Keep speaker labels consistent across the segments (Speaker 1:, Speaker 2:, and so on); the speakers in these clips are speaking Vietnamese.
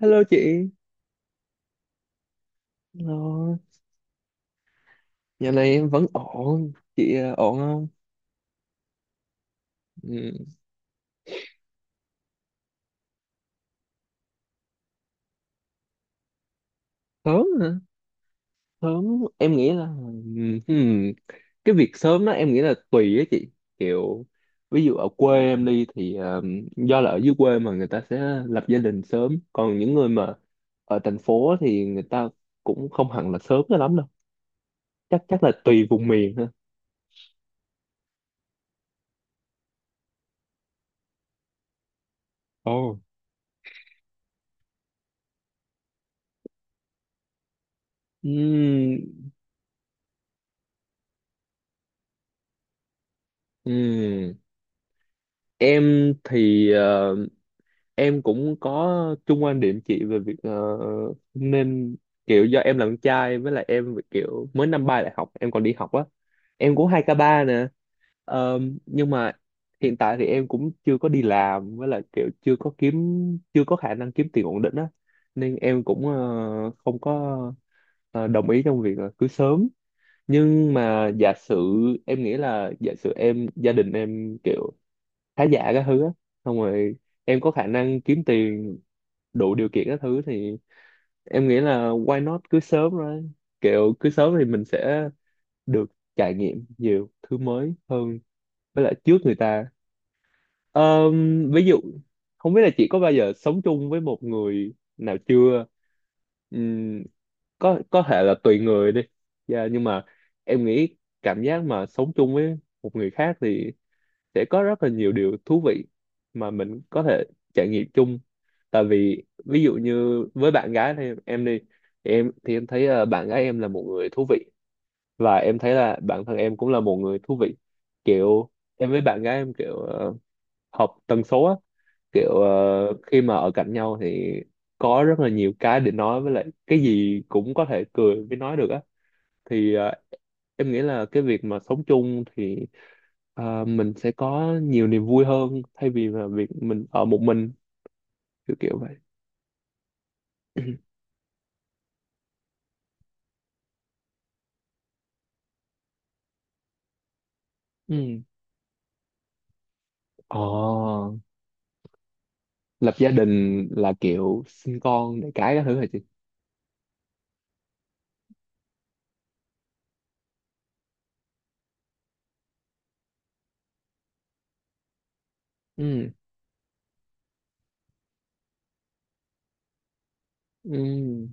Speaker 1: Hello chị. Hello. Dạo này em vẫn ổn, chị ổn không? Ừ. Sớm hả? Sớm, em nghĩ là cái việc sớm đó em nghĩ là tùy á chị. Kiểu ví dụ ở quê em đi thì do là ở dưới quê mà người ta sẽ lập gia đình sớm, còn những người mà ở thành phố thì người ta cũng không hẳn là sớm cho lắm đâu. Chắc chắc là tùy vùng miền ha. Ồ. Ừm, ừm. Em thì em cũng có chung quan điểm chị về việc nên kiểu do em là con trai với lại em kiểu mới năm 3 đại học em còn đi học á, em cũng 2k3 nè. Ờ, nhưng mà hiện tại thì em cũng chưa có đi làm, với lại kiểu chưa có khả năng kiếm tiền ổn định á, nên em cũng không có đồng ý trong việc là cưới sớm, nhưng mà giả sử em nghĩ là giả sử em gia đình em kiểu khá giả các thứ á, xong rồi em có khả năng kiếm tiền đủ điều kiện các thứ thì em nghĩ là why not, cứ sớm rồi kiểu cứ sớm thì mình sẽ được trải nghiệm nhiều thứ mới hơn với lại trước người ta. Ví dụ không biết là chị có bao giờ sống chung với một người nào chưa. Ừm, có thể là tùy người đi. Dạ, nhưng mà em nghĩ cảm giác mà sống chung với một người khác thì sẽ có rất là nhiều điều thú vị mà mình có thể trải nghiệm chung, tại vì ví dụ như với bạn gái thì em đi, thì em thấy bạn gái em là một người thú vị và em thấy là bản thân em cũng là một người thú vị, kiểu em với bạn gái em kiểu hợp tần số á, kiểu khi mà ở cạnh nhau thì có rất là nhiều cái để nói, với lại cái gì cũng có thể cười với nói được á, thì em nghĩ là cái việc mà sống chung thì mình sẽ có nhiều niềm vui hơn thay vì là việc mình ở một mình, kiểu kiểu vậy. Ừ. Ờ, Lập gia đình là kiểu sinh con đẻ cái các thứ hả chị? Ừ. Ừ.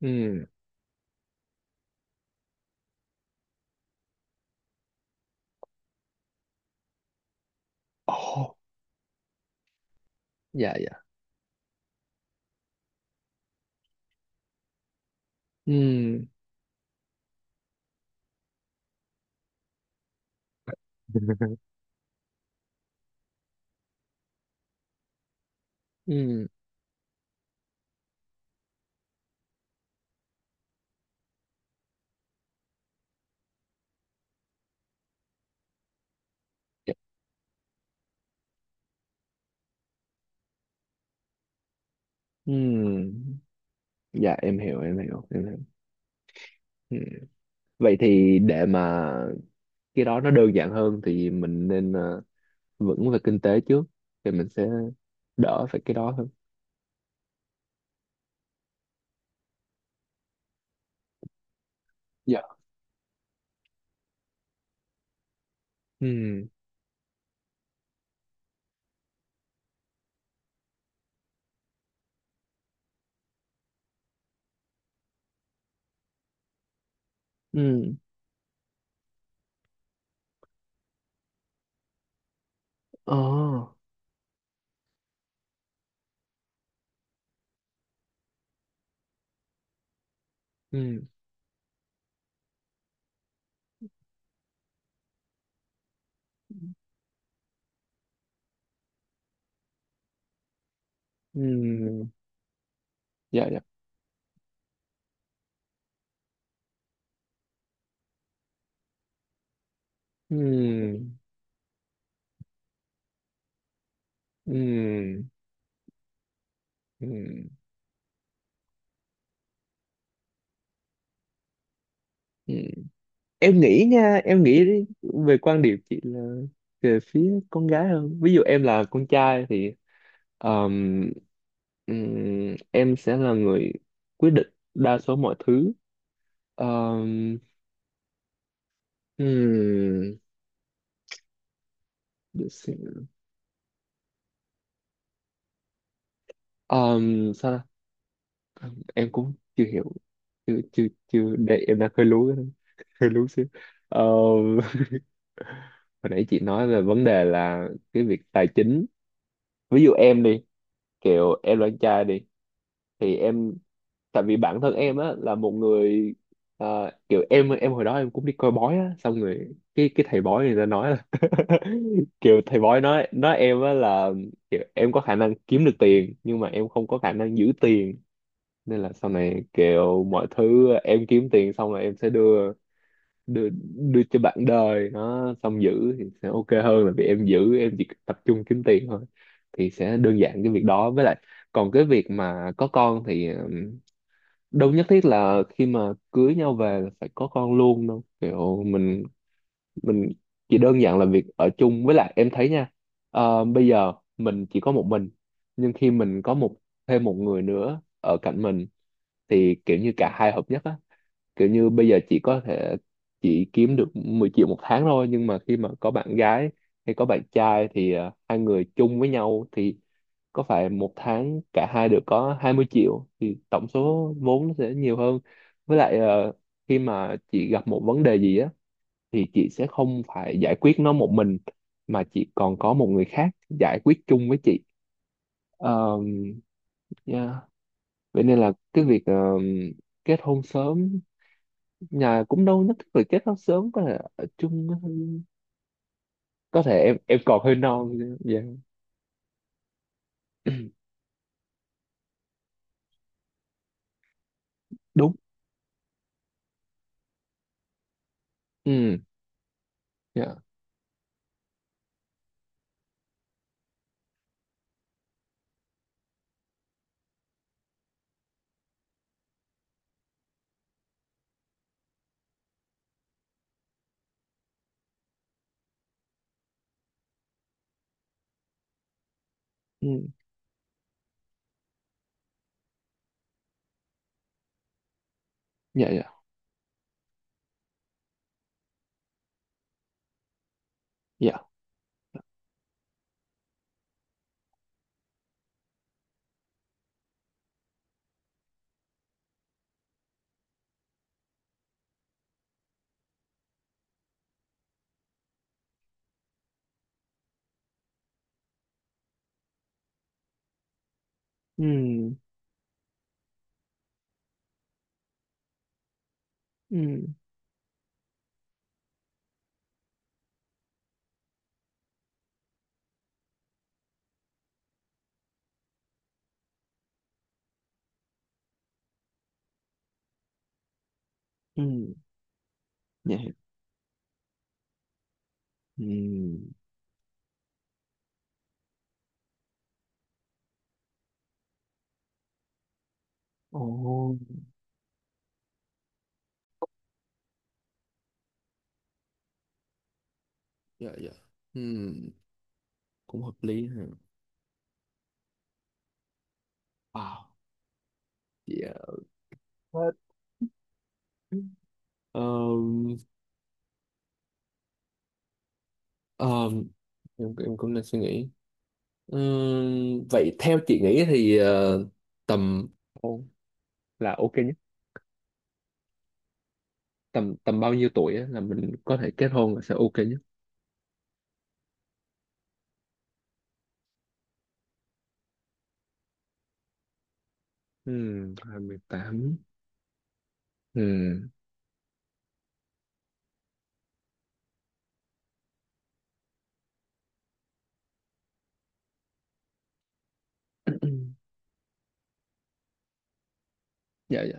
Speaker 1: Ừ. Ồ, dạ dạ. Ừ. Ừ. Dạ. Ừ. Dạ, em hiểu em hiểu em hiểu. Ừ. Vậy thì để mà cái đó nó đơn giản hơn thì mình nên vững về kinh tế trước, thì mình sẽ đỡ phải cái đó hơn. Dạ. Ừ. Ừ. Ờ. Ừ. Ừ. Dạ dạ. Ừ. Ừ. Ừ. Ừ. Em nghĩ nha, em nghĩ đi, về quan điểm chị là về phía con gái hơn, ví dụ em là con trai thì ờm, em sẽ là người quyết định đa số mọi thứ. Ờm, ừm, để xem. Sao ta? Em cũng chưa hiểu, chưa chưa chưa, để em đang hơi lú cái đó. Hơi lú xíu. Ờ, Hồi nãy chị nói về vấn đề là cái việc tài chính, ví dụ em đi, kiểu em là anh trai đi, thì em tại vì bản thân em á là một người kiểu em hồi đó em cũng đi coi bói á, xong rồi cái thầy bói người ta nói là kiểu thầy bói nói em á là kiểu em có khả năng kiếm được tiền nhưng mà em không có khả năng giữ tiền, nên là sau này kiểu mọi thứ em kiếm tiền xong là em sẽ đưa đưa, đưa cho bạn đời nó xong giữ, thì sẽ ok hơn là vì em giữ, em chỉ tập trung kiếm tiền thôi thì sẽ đơn giản cái việc đó. Với lại còn cái việc mà có con thì đâu nhất thiết là khi mà cưới nhau về là phải có con luôn đâu, kiểu mình chỉ đơn giản là việc ở chung. Với lại em thấy nha, bây giờ mình chỉ có một mình nhưng khi mình có một, thêm một người nữa ở cạnh mình thì kiểu như cả hai hợp nhất á, kiểu như bây giờ chị có thể chỉ kiếm được 10 triệu một tháng thôi nhưng mà khi mà có bạn gái hay có bạn trai thì hai người chung với nhau thì có phải một tháng cả hai được có 20 triệu, thì tổng số vốn nó sẽ nhiều hơn, với lại khi mà chị gặp một vấn đề gì á thì chị sẽ không phải giải quyết nó một mình, mà chị còn có một người khác giải quyết chung với chị. Ờ, yeah. Vậy nên là cái việc kết hôn sớm, nhà cũng đâu nhất thiết phải kết hôn sớm, có thể ở chung, có thể em còn hơi non dạ. Đúng. Ừ. Dạ. Ừ. Dạ dạ dạ. Ừ. Ừ. Ừ. Dạ. Ừ. Ồ. Dạ dạ. Ừ, cũng hợp lý ha. Wow. Dạ. Hết. Ờm, ờm, em cũng đang suy nghĩ. Vậy theo chị nghĩ thì tầm là ok nhất, tầm tầm bao nhiêu tuổi á là mình có thể kết hôn là sẽ ok nhất? Ừ, 28. Ừ. Dạ dạ.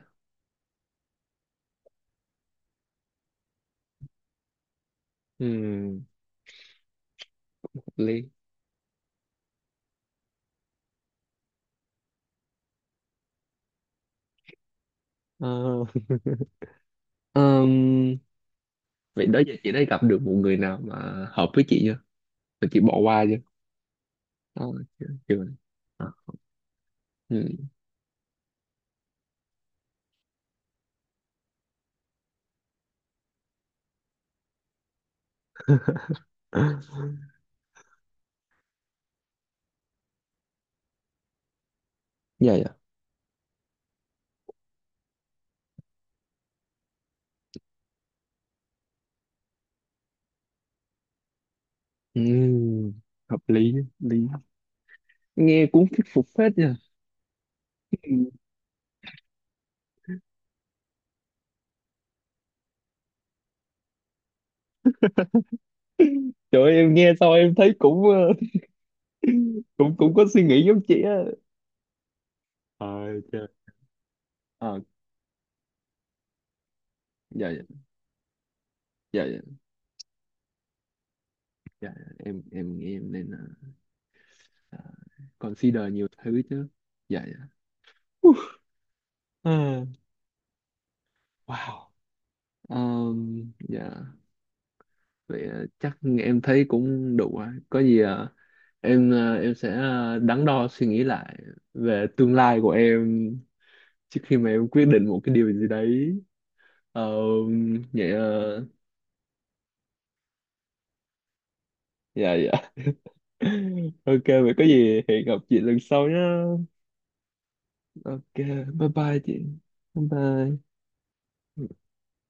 Speaker 1: Ừ, hợp lý. Ờ, ừm, Vậy đó giờ chị đã gặp được một người nào mà hợp với chị chưa, mà chị bỏ qua chưa? Ờ, Chưa, chưa. Ờ. Ừ. Dạ dạ. Ừm, Hợp lý hợp lý, nghe cũng thuyết phục phết nha. Ừm, Trời ơi, em nghe sao em thấy cũng cũng cũng có suy nghĩ giống chị á. ờ Trời. Ờ, dạ dạ. Dạ dạ. dạ dạ. Em nghĩ em nên Ờ, consider nhiều thứ chứ. Dạ dạ. Uh, Ờ, wow. Dạ. Vậy chắc em thấy cũng đủ rồi, có gì em sẽ đắn đo suy nghĩ lại về tương lai của em trước khi mà em quyết định một cái điều gì đấy. Vậy dạ dạ. Ok, vậy có gì hẹn gặp chị lần sau nhá. Ok, bye. Bye chị. Bye bye.